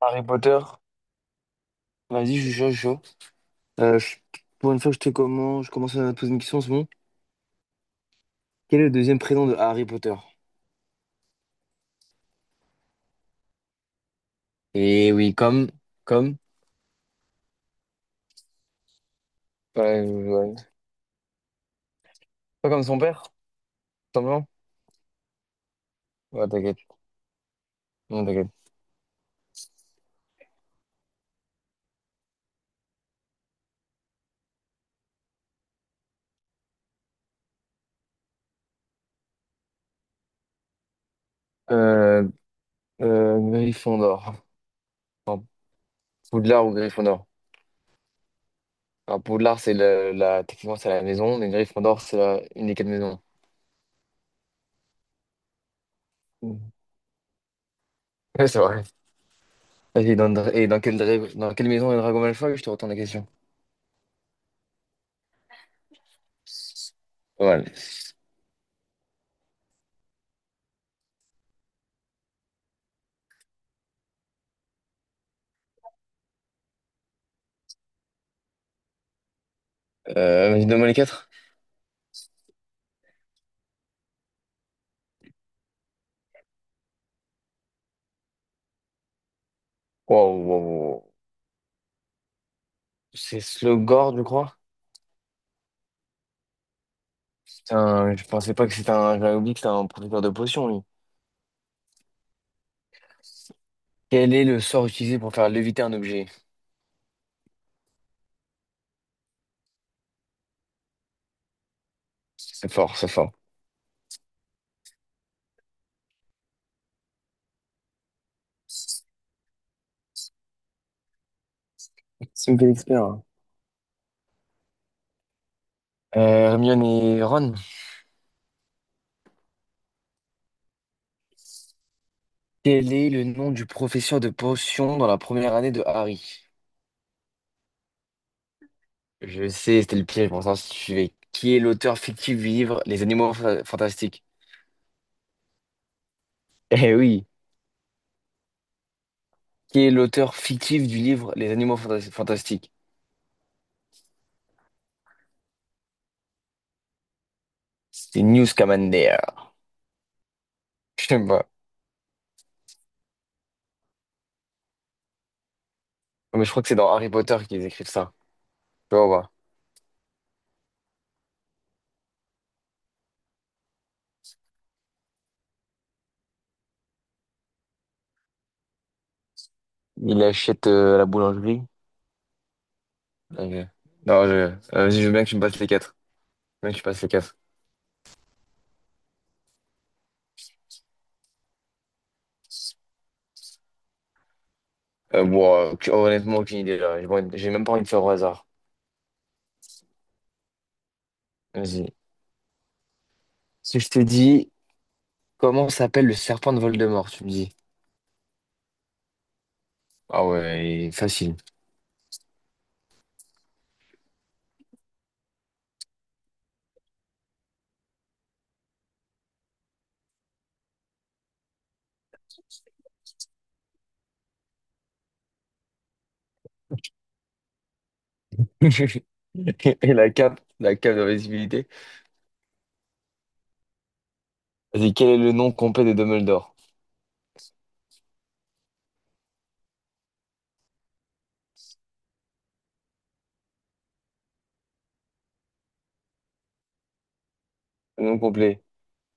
Harry Potter, vas-y, je suis chaud, je suis chaud. Euh, je- pour une fois, je commence à te poser une question en ce moment. Quel est le deuxième prénom de Harry Potter? Et oui, comme, ouais, ouais. Pas comme son père, simplement. Ouais, t'inquiète, non, t'inquiète. Euh, Gryffondor. Enfin, Poudlard ou Gryffondor. Enfin, Poudlard, c'est techniquement, c'est la maison, mais Gryffondor, c'est une des quatre maisons. Mm. Ouais, c'est vrai. Vas-y, et dans quelle maison est Drago Malfoy? Je te retourne la question. Pas mal. Vas-y, donne-moi les quatre. Waouh, waouh, waouh. C'est Slogord, je crois. Je pensais pas que c'était un. J'avais oublié que c'était un producteur de potions, lui. Quel est le sort utilisé pour faire léviter un objet? C'est fort, c'est fort. C'est quel expert, hein. Euh, Hermione et Ron. Quel est le nom du professeur de potions dans la première année de Harry? Je sais, c'était le piège, pour ça, si tu suivais. Qui est l'auteur fictif du livre Les Animaux Fantastiques? Eh oui. Qui est l'auteur fictif du livre Les Animaux Fantastiques? C'est Newt Scamander. Je sais pas. Mais je crois que c'est dans Harry Potter qu'ils écrivent ça. Tu vois voir. Il achète à la boulangerie. Ok. Non, vas-y, je veux bien que tu me passes les quatre. Je veux bien que tu passes les quatre. Bon, honnêtement, aucune idée là. J'ai pas envie. J'ai même pas envie de faire au hasard. Vas-y. Si je te dis comment s'appelle le serpent de Voldemort, tu me dis. Ah ouais, facile. Et la cape de d'invisibilité. Vas-y, quel est le nom complet de Dumbledore? Le nom complet.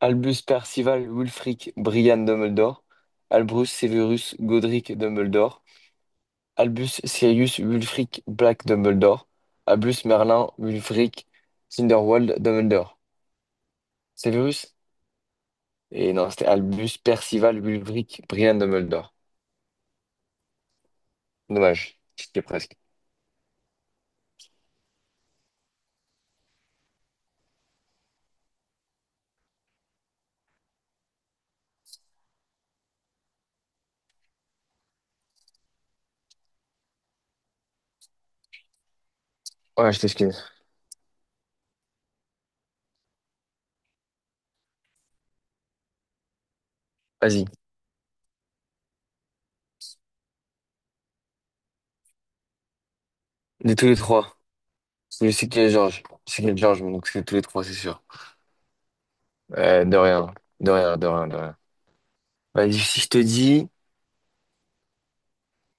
Albus Percival Wulfric Brian Dumbledore. Albus Severus Godric Dumbledore. Albus, Sirius, Wulfric, Black, Dumbledore. Albus, Merlin, Wulfric, Cinderwald, Dumbledore. Severus? Et non, c'était Albus, Percival, Wulfric, Brian, Dumbledore. Dommage, j'étais presque. Ouais, je t'excuse. Vas-y. De tous les trois. Je sais qu'il y a Georges. Je sais qu'il y a Georges, mais donc c'est tous les trois, c'est sûr. De rien. De rien, de rien, de rien. Vas-y, si je te dis,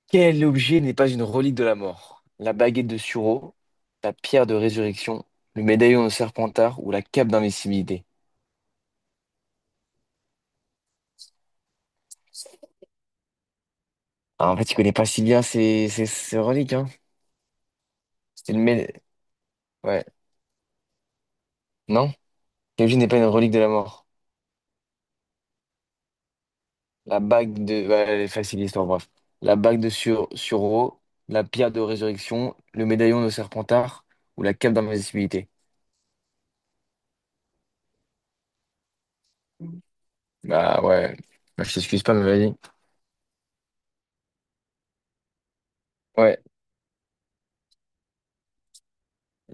quel objet n'est pas une relique de la mort? La baguette de Suro, la pierre de résurrection, le médaillon de Serpentard ou la cape d'invincibilité? Ah, en fait, tu connais pas si bien ces reliques, hein. C'était le mé- Ouais. Non? Kenji n'est pas une relique de la mort. Ouais, elle est facile, l'histoire, bref. La bague de Suro, la pierre de résurrection, le médaillon de Serpentard ou la cape d'invisibilité. Bah ouais. Bah, je t'excuse pas, mais vas-y. Ouais.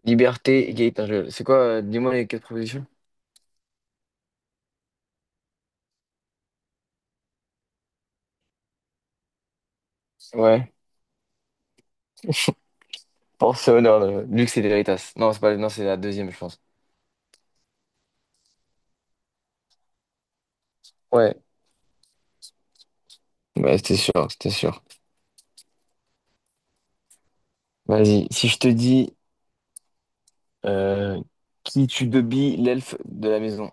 Liberté, égalité. C'est quoi? Dis-moi les quatre propositions. Ouais. Force et honneur, luxe et véritas. Non, c'est pas. Non, c'est la deuxième, je pense. Ouais. Ouais, c'était sûr, c'était sûr. Vas-y. Si je te dis. Euh, qui tue Bubby, l'elfe de la maison?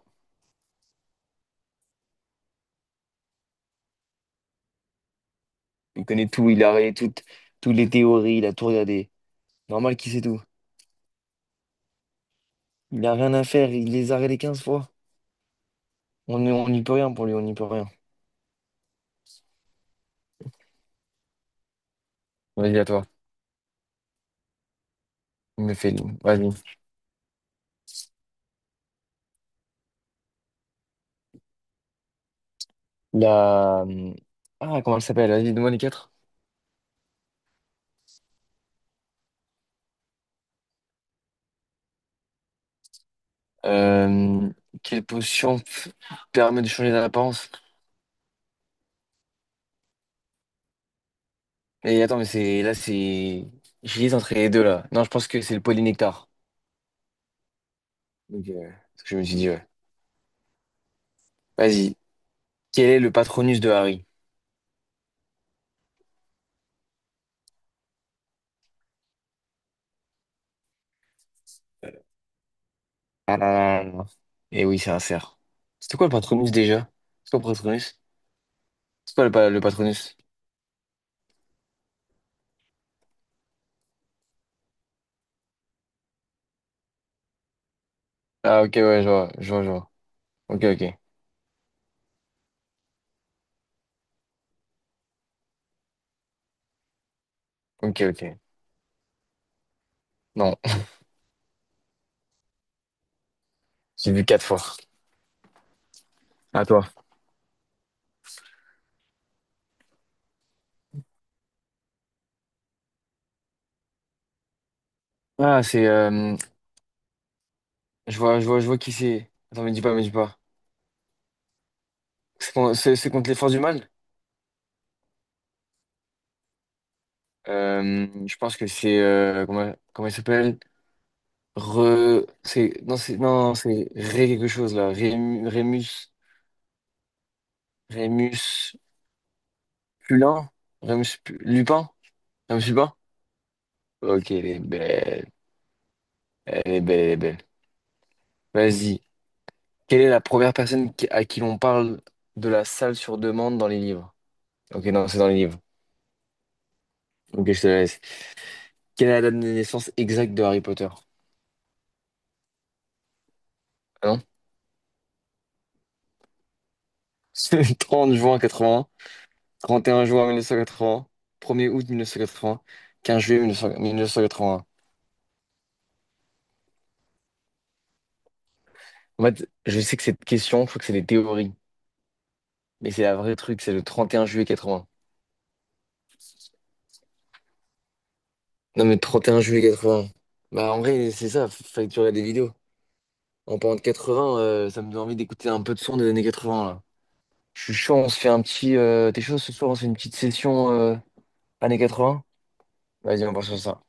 Il connaît tout, il a regardé toutes les théories, il a tout regardé. Normal qu'il sait tout. Il a rien à faire, il les a regardés 15 fois. On n'y peut rien pour lui, on n'y peut rien. Vas-y, à toi. Il me fait, vas-y. La... Ah, comment elle s'appelle? Vas-y, donne-moi les quatre. Euh, quelle potion permet de changer d'apparence? Et attends, mais c'est là, c'est. J'hésite entre les deux là. Non, je pense que c'est le polynectar. Donc, c'est ce que je me suis dit, ouais. Vas-y. Quel est le patronus de Harry? Ah là là là là. Et oui, c'est un cerf. C'était quoi le patronus déjà? C'est quoi le patronus? C'est quoi le patronus? Ah ok, ouais, je vois, je vois, je vois. Ok, ok. Ok, ok. Non, j'ai vu quatre fois. À toi. Ah, c'est. Je vois, je vois, je vois qui c'est. Attends, me dis pas, me dis pas. C'est contre les forces du mal? Je pense que c'est. Comment comment il s'appelle? Re. C'est. Non, c'est. Non, c'est Ré quelque chose, là. Rémus. Rémus. Pulin? Rémus. Lupin? Rémus Lupin? Ok, elle est belle. Elle est belle, elle est belle. Vas-y. Quelle est la première personne à qui l'on parle de la salle sur demande dans les livres? Ok, non, c'est dans les livres. Ok, je te la laisse. Quelle est la date de naissance exacte de Harry Potter? Ah non? C'est le 30 juin 80, 31 juin 1980, 1er août 1980, 15 juillet 1900 1981. En fait, je sais que cette question, je crois que c'est des théories. Mais c'est la vraie truc, c'est le 31 juillet 80. Non, mais 31 juillet 80. Bah, en vrai, c'est ça, fallait que tu regardes des vidéos. En parlant de 80, ça me donne envie d'écouter un peu de son des années 80 là. Je suis chaud, on se fait un petit. T'es chaud ce soir, on se fait une petite session années 80? Vas-y, on part sur ça.